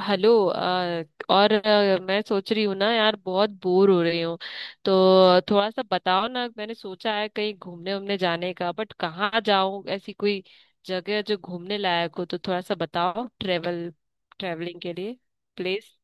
Hello और मैं सोच रही हूँ ना यार बहुत बोर हो रही हूँ। तो थोड़ा सा बताओ ना, मैंने सोचा है कहीं घूमने उमने जाने का, बट कहाँ जाऊँ ऐसी कोई जगह जो घूमने लायक हो, तो थोड़ा सा बताओ ट्रेवलिंग के लिए प्लेस।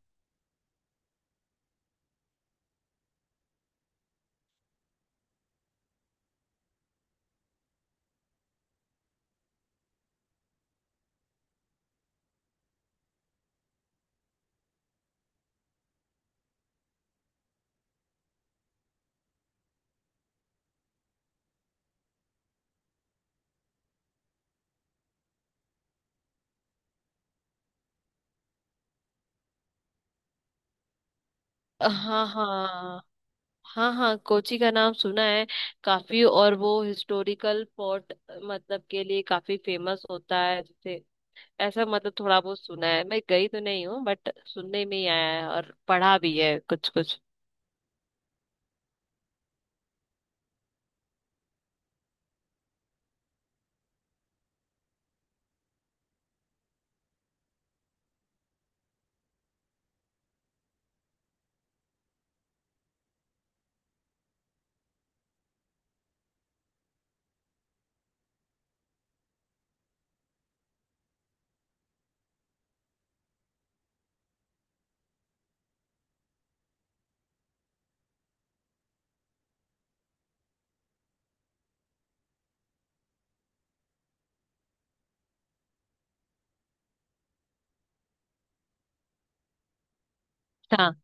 हाँ हाँ। हाँ हाँ, कोची का नाम सुना है काफी। और वो हिस्टोरिकल पोर्ट मतलब के लिए काफी फेमस होता है जैसे ऐसा, मतलब थोड़ा बहुत सुना है, मैं गई तो नहीं हूँ बट सुनने में ही आया है और पढ़ा भी है कुछ कुछ। हाँ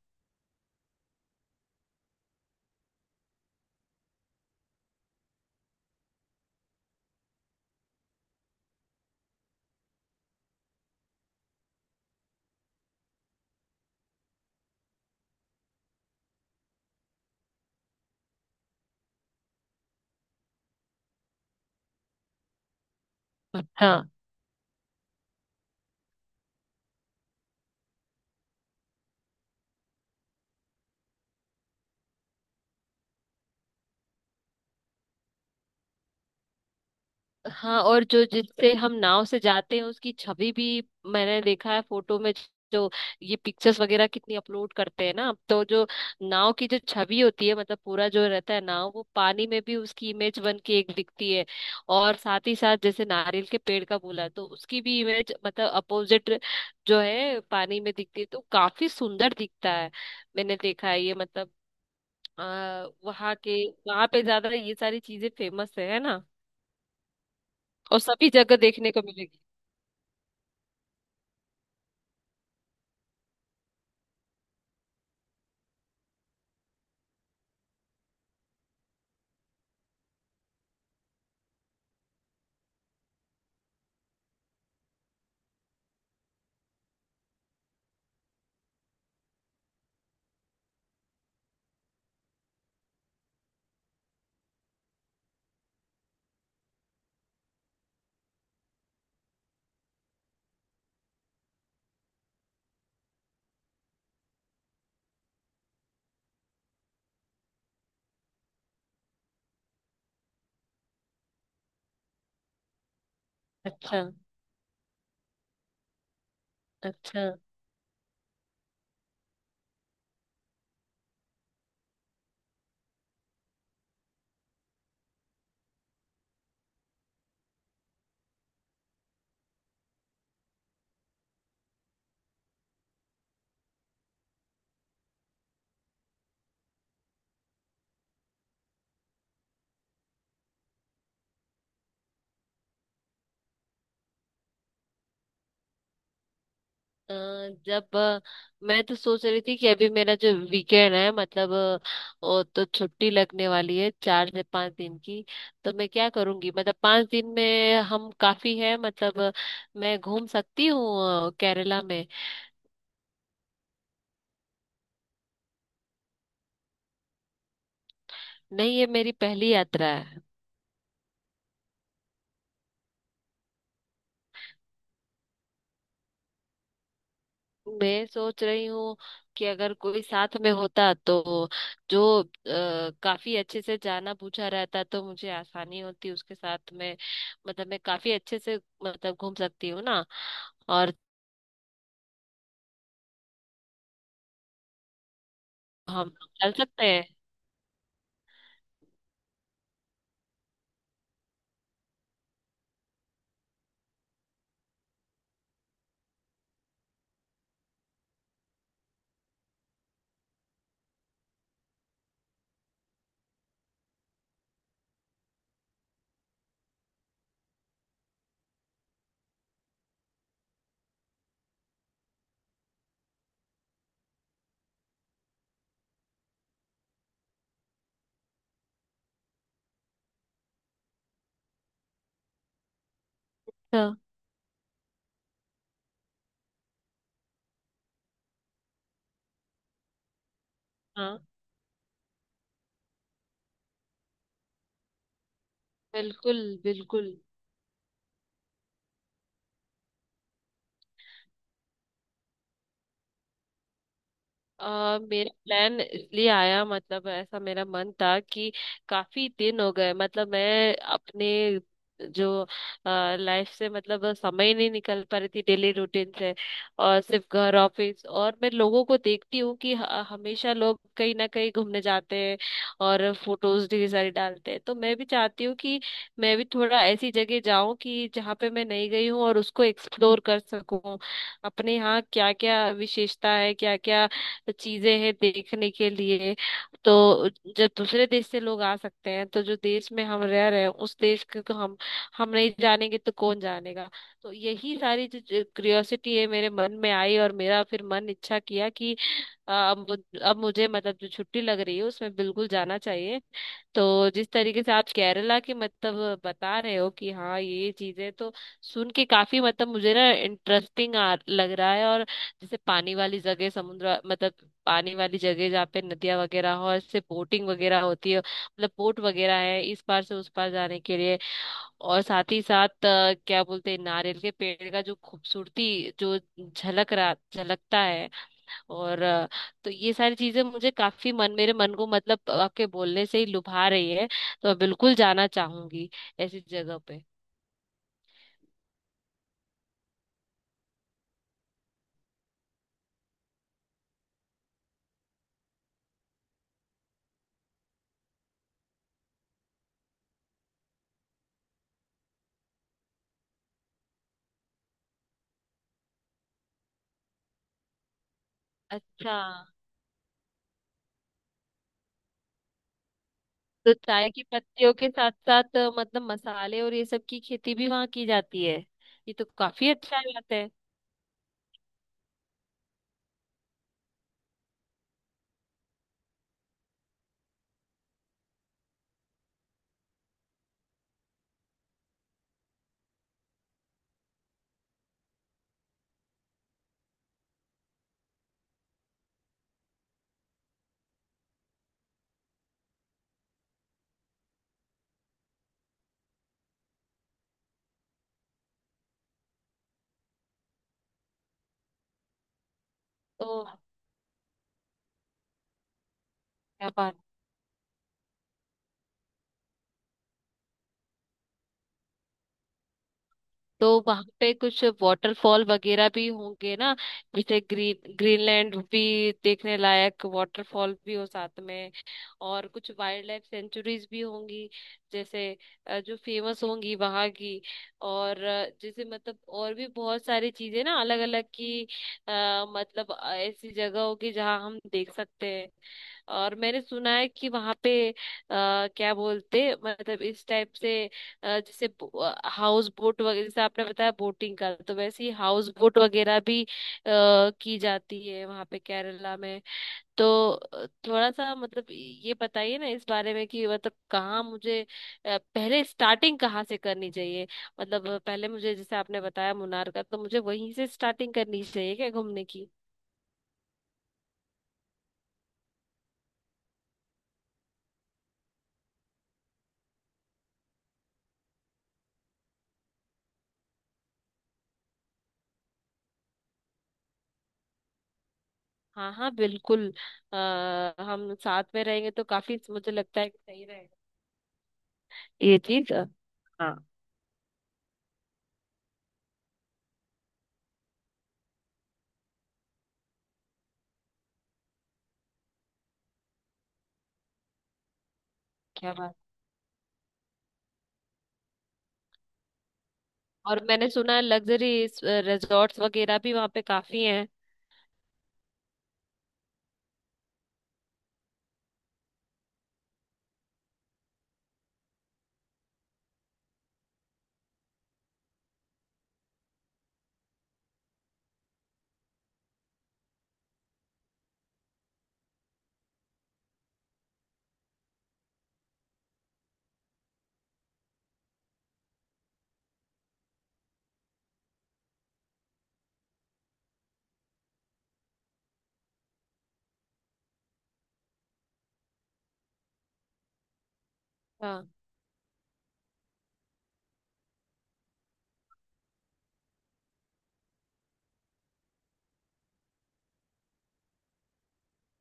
हाँ। हाँ, और जो जिससे हम नाव से जाते हैं उसकी छवि भी मैंने देखा है फोटो में। जो ये पिक्चर्स वगैरह कितनी अपलोड करते हैं ना, तो जो नाव की जो छवि होती है, मतलब पूरा जो रहता है नाव, वो पानी में भी उसकी इमेज बन के एक दिखती है। और साथ ही साथ जैसे नारियल के पेड़ का बोला, तो उसकी भी इमेज मतलब अपोजिट जो है पानी में दिखती है, तो काफी सुंदर दिखता है। मैंने देखा है ये, मतलब वहाँ के, वहाँ पे ज्यादा ये सारी चीजें फेमस है ना। और सभी जगह देखने को मिलेगी। अच्छा, अच्छा। अ, जब मैं तो सोच रही थी कि अभी मेरा जो वीकेंड है, मतलब वो तो छुट्टी लगने वाली है चार से पांच दिन की। तो मैं क्या करूंगी, मतलब पांच दिन में हम काफी है, मतलब मैं घूम सकती हूँ केरला में। नहीं, ये मेरी पहली यात्रा है। मैं सोच रही हूँ कि अगर कोई साथ में होता, तो जो काफी अच्छे से जाना पूछा रहता, तो मुझे आसानी होती उसके साथ में, मतलब मैं काफी अच्छे से मतलब घूम सकती हूँ ना। और हम लोग चल सकते हैं। हाँ हाँ, बिल्कुल बिल्कुल। अ, मेरा प्लान इसलिए आया, मतलब ऐसा मेरा मन था कि काफी दिन हो गए, मतलब मैं अपने जो लाइफ से, मतलब समय ही नहीं निकल पा रही थी डेली रूटीन से। और सिर्फ घर ऑफिस, और मैं लोगों को देखती हूँ कि हमेशा लोग कहीं ना कहीं घूमने जाते हैं और फोटोज ढेर सारी डालते हैं। तो मैं भी चाहती हूँ कि मैं भी थोड़ा ऐसी जगह जाऊं कि जहाँ पे मैं नहीं गई हूँ और उसको एक्सप्लोर कर सकूं। अपने यहाँ क्या क्या विशेषता है, क्या क्या तो चीजें हैं देखने के लिए। तो जब दूसरे देश से लोग आ सकते हैं, तो जो देश में हम रह रहे हैं उस देश के तो हम नहीं जानेंगे तो कौन जानेगा। तो यही सारी जो क्यूरियोसिटी है, मेरे मन में आई और मेरा फिर मन इच्छा किया कि अ, अब अब मुझे मतलब जो छुट्टी लग रही है उसमें बिल्कुल जाना चाहिए। तो जिस तरीके से आप केरला की मतलब बता रहे हो कि हाँ ये चीजें तो, सुन के काफी मतलब मुझे ना इंटरेस्टिंग आ लग रहा है। और जैसे पानी वाली जगह, समुद्र, मतलब पानी वाली जगह जहाँ पे नदियाँ वगैरह हो और इससे बोटिंग वगैरह होती है, मतलब बोट वगैरह है इस पार से उस पार जाने के लिए। और साथ ही साथ क्या बोलते हैं, नारियल के पेड़ का जो खूबसूरती जो झलकता है। और तो ये सारी चीजें मुझे काफी मन, मेरे मन को मतलब आपके बोलने से ही लुभा रही है। तो मैं बिल्कुल जाना चाहूंगी ऐसी जगह पे। अच्छा। तो चाय की पत्तियों के साथ साथ मतलब मसाले और ये सब की खेती भी वहाँ की जाती है। ये तो काफी अच्छा बात है। तो क्या बात। तो वहां पे कुछ वाटरफॉल वगैरह भी होंगे ना, जैसे ग्रीनलैंड भी, देखने लायक वाटरफॉल भी हो साथ में। और कुछ वाइल्ड लाइफ सेंचुरीज भी होंगी जैसे जो फेमस होंगी वहां की। और जैसे मतलब और भी बहुत सारी चीजें ना अलग अलग की। मतलब ऐसी जगह होगी जहाँ हम देख सकते हैं। और मैंने सुना है कि वहां पे क्या बोलते, मतलब इस टाइप से, जैसे हाउस बोट वगैरह, जैसे आपने बताया बोटिंग का, तो वैसे ही हाउस बोट वगैरह भी की जाती है वहां पे केरला में। तो थोड़ा सा मतलब ये बताइए ना इस बारे में कि मतलब कहाँ मुझे पहले स्टार्टिंग कहाँ से करनी चाहिए, मतलब पहले मुझे जैसे आपने बताया मुनार का, तो मुझे वहीं से स्टार्टिंग करनी चाहिए क्या घूमने की। हाँ हाँ, बिल्कुल। हम साथ में रहेंगे तो काफी मुझे लगता है कि सही रहेगा ये चीज। हाँ। क्या बात। और मैंने सुना है लग्जरी रिजॉर्ट्स वगैरह भी वहाँ पे काफी हैं। हाँ,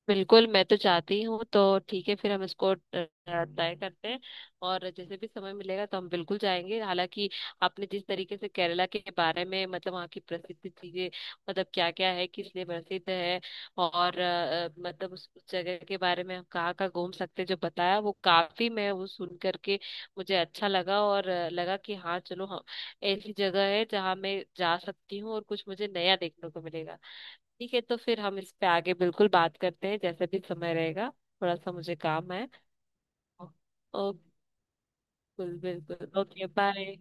बिल्कुल मैं तो चाहती हूँ। तो ठीक है फिर हम इसको ट्राई करते हैं, और जैसे भी समय मिलेगा तो हम बिल्कुल जाएंगे। हालांकि आपने जिस तरीके से केरला के बारे में मतलब वहाँ की प्रसिद्ध चीजें, मतलब क्या क्या है किस लिए प्रसिद्ध है, और मतलब उस जगह के बारे में हम कहाँ कहाँ घूम सकते हैं, जो बताया वो काफी, मैं वो सुन करके मुझे अच्छा लगा। और लगा कि हाँ चलो हम, ऐसी जगह है जहाँ मैं जा सकती हूँ और कुछ मुझे नया देखने को मिलेगा। ठीक है, तो फिर हम इस पे आगे बिल्कुल बात करते हैं जैसे भी समय रहेगा। थोड़ा सा मुझे काम है। ओ- ओ- बिल्कुल बिल्कुल, ओके, बाय।